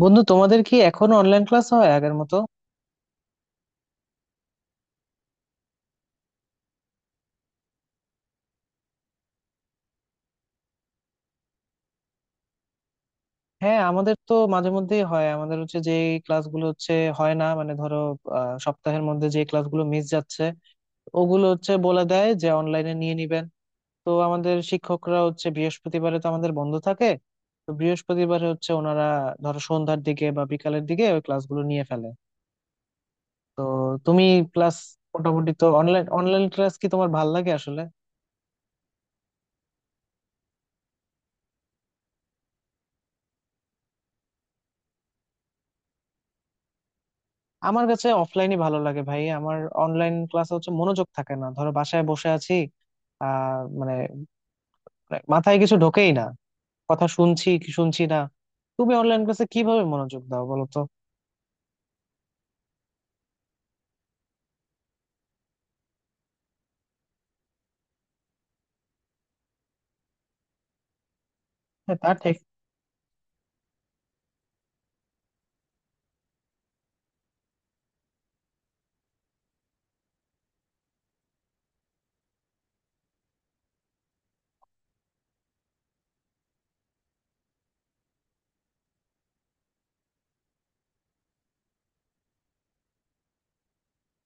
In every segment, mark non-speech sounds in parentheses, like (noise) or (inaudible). বন্ধু, তোমাদের কি এখনো অনলাইন ক্লাস হয় আগের মতো? হ্যাঁ, আমাদের তো মাঝে মধ্যেই হয়। আমাদের হচ্ছে যে ক্লাসগুলো হচ্ছে, হয় না মানে ধরো সপ্তাহের মধ্যে যে ক্লাসগুলো মিস যাচ্ছে, ওগুলো হচ্ছে বলে দেয় যে অনলাইনে নিয়ে নিবেন। তো আমাদের শিক্ষকরা হচ্ছে, বৃহস্পতিবারে তো আমাদের বন্ধ থাকে, তো বৃহস্পতিবারে হচ্ছে ওনারা ধরো সন্ধ্যার দিকে বা বিকালের দিকে ওই ক্লাসগুলো নিয়ে ফেলে। তো তুমি ক্লাস মোটামুটি তো, অনলাইন অনলাইন ক্লাস কি তোমার ভাল লাগে আসলে? আমার কাছে অফলাইনই ভালো লাগে ভাই। আমার অনলাইন ক্লাসে হচ্ছে মনোযোগ থাকে না, ধরো বাসায় বসে আছি, মানে মাথায় কিছু ঢোকেই না, কথা শুনছি কি শুনছি না। তুমি অনলাইন ক্লাসে কিভাবে মনোযোগ দাও বলো তো? হ্যাঁ, তা ঠিক।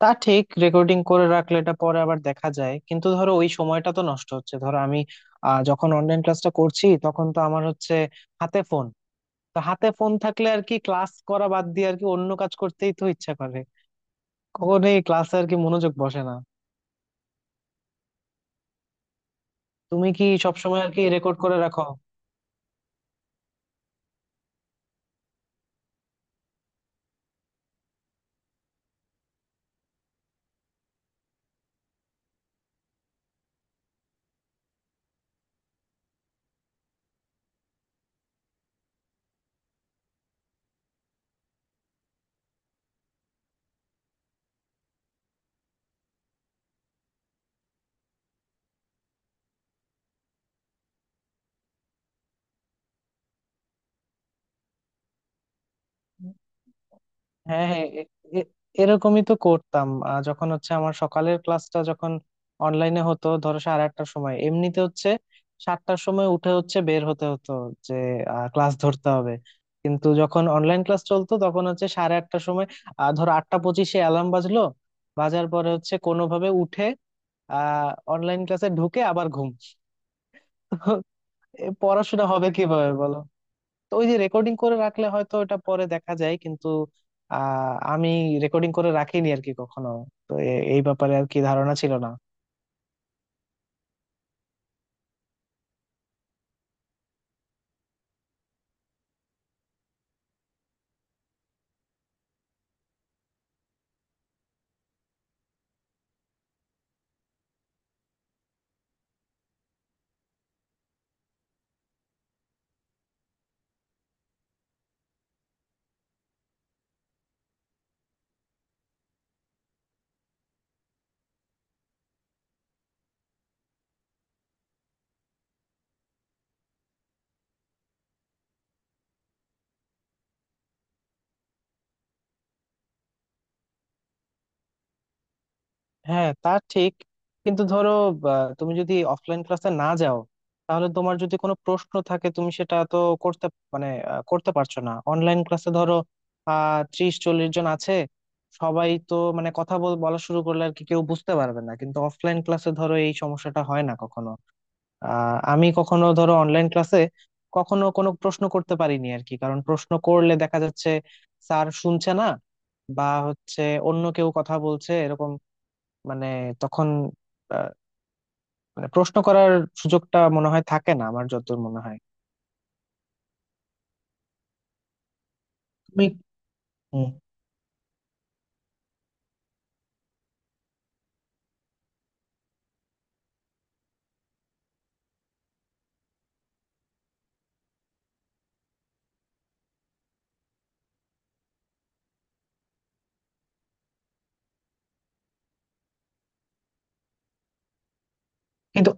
রেকর্ডিং করে রাখলে এটা পরে আবার দেখা যায়, কিন্তু ধরো ওই সময়টা তো নষ্ট হচ্ছে। ধরো আমি যখন অনলাইন ক্লাসটা করছি, তখন তো আমার হচ্ছে হাতে ফোন। তো হাতে ফোন থাকলে আর কি ক্লাস করা বাদ দিয়ে আর কি অন্য কাজ করতেই তো ইচ্ছা করে, কখনোই ক্লাসে আর কি মনোযোগ বসে না। তুমি কি সবসময় আর কি রেকর্ড করে রাখো? হ্যাঁ, হ্যাঁ। এ- এরকমই তো করতাম। যখন হচ্ছে আমার সকালের ক্লাসটা যখন অনলাইনে হতো, ধরো সাড়ে আটটার সময় এমনিতে হচ্ছে সাতটার সময় উঠে হচ্ছে বের হতে হতো যে ক্লাস ধরতে হবে। কিন্তু যখন অনলাইন ক্লাস চলতো, তখন হচ্ছে সাড়ে আটটার সময় ধরো আটটা পঁচিশে অ্যালার্ম বাজলো। বাজার পরে হচ্ছে কোনোভাবে উঠে অনলাইন ক্লাসে ঢুকে আবার ঘুম। (laughs) তো এ পড়াশোনা হবে কিভাবে বলো? তো ওই যে রেকর্ডিং করে রাখলে হয়তো এটা পরে দেখা যায়, কিন্তু আমি রেকর্ডিং করে রাখিনি আর কি কখনো। তো এই ব্যাপারে আর কি ধারণা ছিল না। হ্যাঁ, তা ঠিক। কিন্তু ধরো তুমি যদি অফলাইন ক্লাসে না যাও, তাহলে তোমার যদি কোনো প্রশ্ন থাকে, তুমি সেটা তো করতে মানে করতে পারছো না। অনলাইন ক্লাসে ধরো ত্রিশ চল্লিশ জন আছে, সবাই তো মানে বলা শুরু করলে আর কি কেউ বুঝতে পারবে না। কিন্তু অফলাইন ক্লাসে ধরো এই সমস্যাটা হয় না কখনো। আমি কখনো ধরো অনলাইন ক্লাসে কখনো কোনো প্রশ্ন করতে পারিনি আর কি, কারণ প্রশ্ন করলে দেখা যাচ্ছে স্যার শুনছে না, বা হচ্ছে অন্য কেউ কথা বলছে, এরকম। মানে তখন আহ, মানে প্রশ্ন করার সুযোগটা মনে হয় থাকে না, আমার যতদূর মনে হয়। তুমি হুম। কিন্তু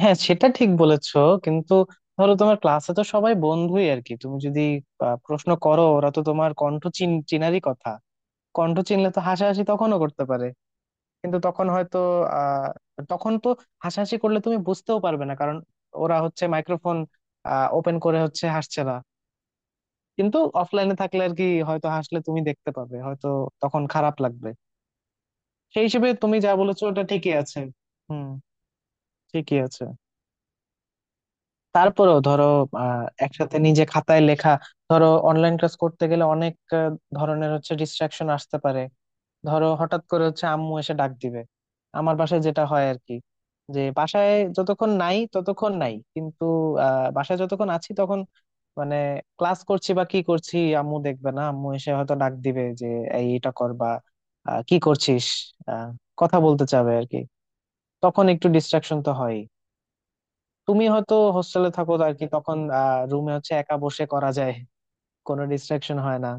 হ্যাঁ, সেটা ঠিক বলেছো। কিন্তু ধরো তোমার ক্লাসে তো সবাই বন্ধুই আর কি, তুমি যদি প্রশ্ন করো, ওরা তো তোমার কণ্ঠ চিনারই কথা। কণ্ঠ চিনলে তো হাসাহাসি তখনও করতে পারে, কিন্তু তখন হয়তো আহ তখন তো হাসাহাসি করলে তুমি বুঝতেও পারবে না, কারণ ওরা হচ্ছে মাইক্রোফোন ওপেন করে হচ্ছে হাসছে না। কিন্তু অফলাইনে থাকলে আর কি হয়তো হাসলে তুমি দেখতে পাবে, হয়তো তখন খারাপ লাগবে। সেই হিসেবে তুমি যা বলেছো ওটা ঠিকই আছে। হুম, ঠিকই আছে। তারপরেও ধরো একসাথে নিজে খাতায় লেখা, ধরো অনলাইন ক্লাস করতে গেলে অনেক আহ, ধরনের হচ্ছে ডিস্ট্রাকশন আসতে পারে। ধরো হঠাৎ করে হচ্ছে আম্মু এসে ডাক দিবে, আমার বাসায় যেটা হয় আর কি, যে বাসায় যতক্ষণ নাই ততক্ষণ নাই, কিন্তু বাসায় যতক্ষণ আছি, তখন মানে ক্লাস করছি বা কি করছি আম্মু দেখবে না, আম্মু এসে হয়তো ডাক দিবে যে এই এটা কর, বা কি করছিস, আহ, কথা বলতে চাবে আর কি। তখন একটু ডিস্ট্রাকশন তো হয়। তুমি হয়তো হোস্টেলে থাকো আর কি, তখন রুমে হচ্ছে একা বসে করা যায়, কোনো ডিস্ট্রাকশন হয় না।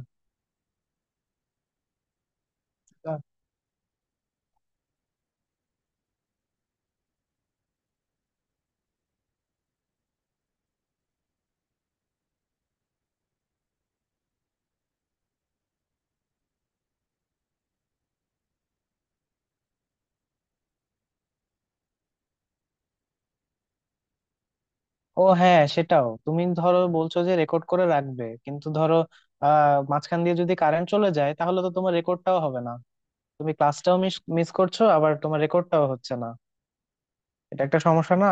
ও হ্যাঁ, সেটাও তুমি ধরো বলছো যে রেকর্ড করে রাখবে, কিন্তু ধরো মাঝখান দিয়ে যদি কারেন্ট চলে যায়, তাহলে তো তোমার রেকর্ডটাও হবে না, তুমি ক্লাসটাও মিস মিস করছো, আবার তোমার রেকর্ডটাও হচ্ছে না। এটা একটা সমস্যা না?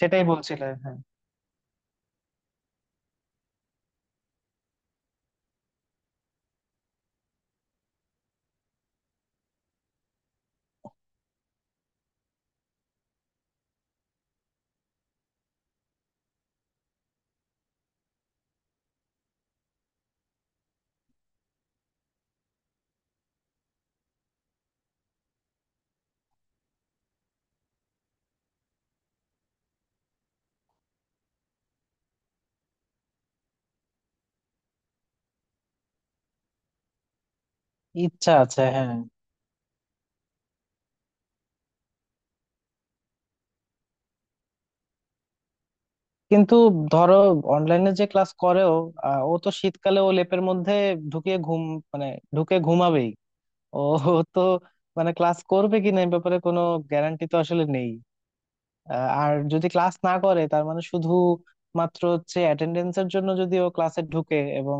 সেটাই বলছিলে হ্যাঁ। ইচ্ছা আছে, হ্যাঁ। কিন্তু ধরো অনলাইনে যে ক্লাস করেও ও তো শীতকালে ও লেপের মধ্যে ঢুকিয়ে ঘুম, মানে ঢুকে ঘুমাবেই ও। তো মানে ক্লাস করবে কিনা এই ব্যাপারে কোনো গ্যারান্টি তো আসলে নেই। আহ, আর যদি ক্লাস না করে, তার মানে শুধু মাত্র হচ্ছে অ্যাটেন্ডেন্সের জন্য যদি ও ক্লাসে ঢুকে এবং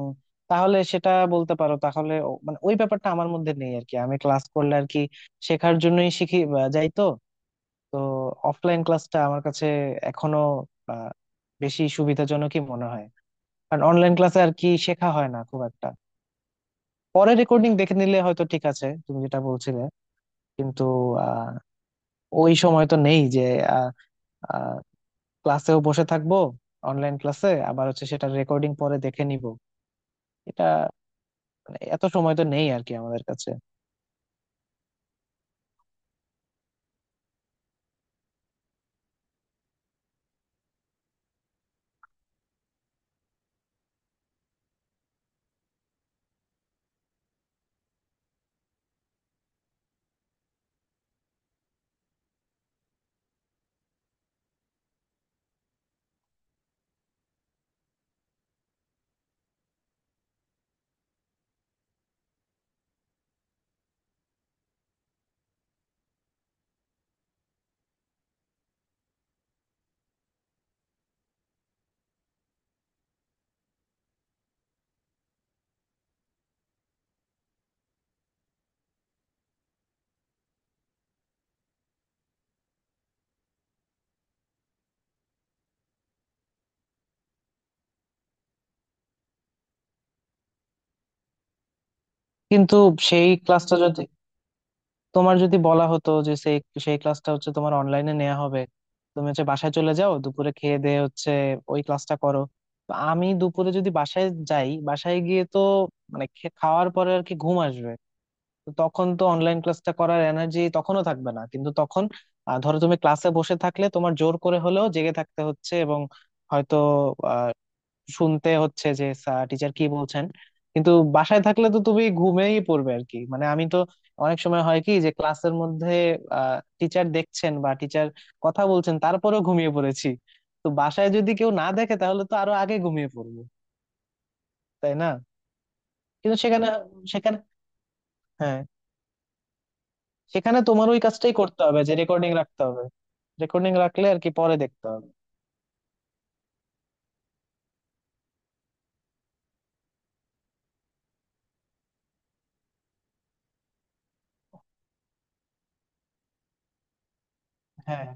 তাহলে সেটা বলতে পারো, তাহলে মানে ওই ব্যাপারটা আমার মধ্যে নেই আর কি, আমি ক্লাস করলে আর কি শেখার জন্যই শিখি বা যাই তো। তো অফলাইন ক্লাসটা আমার কাছে এখনো আহ, বেশি সুবিধাজনকই মনে হয়, কারণ অনলাইন ক্লাসে আর কি শেখা হয় না খুব একটা। পরে রেকর্ডিং দেখে নিলে হয়তো ঠিক আছে, তুমি যেটা বলছিলে, কিন্তু আহ ওই সময় তো নেই যে ক্লাসেও বসে থাকবো, অনলাইন ক্লাসে আবার হচ্ছে সেটা রেকর্ডিং পরে দেখে নিব। এটা মানে এত সময় তো নেই আর কি আমাদের কাছে। কিন্তু সেই ক্লাসটা যদি তোমার যদি বলা হতো যে সেই সেই ক্লাসটা হচ্ছে তোমার অনলাইনে নেওয়া হবে, তুমি হচ্ছে বাসায় চলে যাও দুপুরে, খেয়ে দিয়ে হচ্ছে ওই ক্লাসটা করো, তো আমি দুপুরে যদি বাসায় যাই, বাসায় গিয়ে তো মানে খাওয়ার পরে আর কি ঘুম আসবে। তো তখন তো অনলাইন ক্লাসটা করার এনার্জি তখনও থাকবে না। কিন্তু তখন ধরো তুমি ক্লাসে বসে থাকলে তোমার জোর করে হলেও জেগে থাকতে হচ্ছে, এবং হয়তো আহ, শুনতে হচ্ছে যে স্যার টিচার কি বলছেন। কিন্তু বাসায় থাকলে তো তুমি ঘুমেই পড়বে আর কি, মানে আমি তো অনেক সময় হয় কি, যে ক্লাসের মধ্যে টিচার দেখছেন বা টিচার কথা বলছেন, তারপরেও ঘুমিয়ে পড়েছি। তো বাসায় যদি কেউ না দেখে তাহলে তো আরো আগে ঘুমিয়ে পড়বো, তাই না? কিন্তু সেখানে সেখানে হ্যাঁ, সেখানে তোমার ওই কাজটাই করতে হবে যে রেকর্ডিং রাখতে হবে, রেকর্ডিং রাখলে আর কি পরে দেখতে হবে। হ্যাঁ,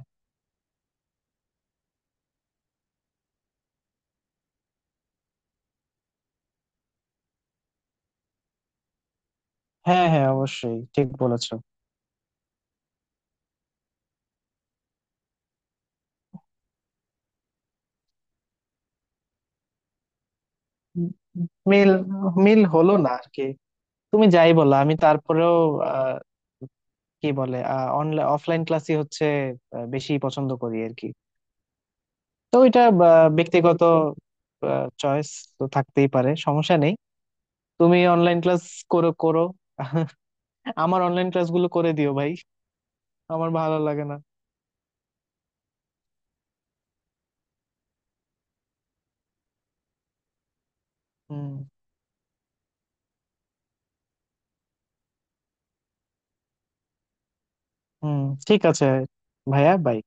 হ্যাঁ, হ্যাঁ, অবশ্যই ঠিক বলেছো। উম, মিল, মিল হলো না আর কি। তুমি যাই বলো, আমি তারপরেও আহ, কি বলে অনলাইন অফলাইন ক্লাসই হচ্ছে বেশি পছন্দ করি আর কি। তো এটা ব্যক্তিগত চয়েস, তো থাকতেই পারে, সমস্যা নেই। তুমি অনলাইন ক্লাস করো করো, আমার অনলাইন ক্লাসগুলো করে দিও ভাই, আমার ভালো লাগে না। হুম। হুম, ঠিক আছে। ভাইয়া, বাই।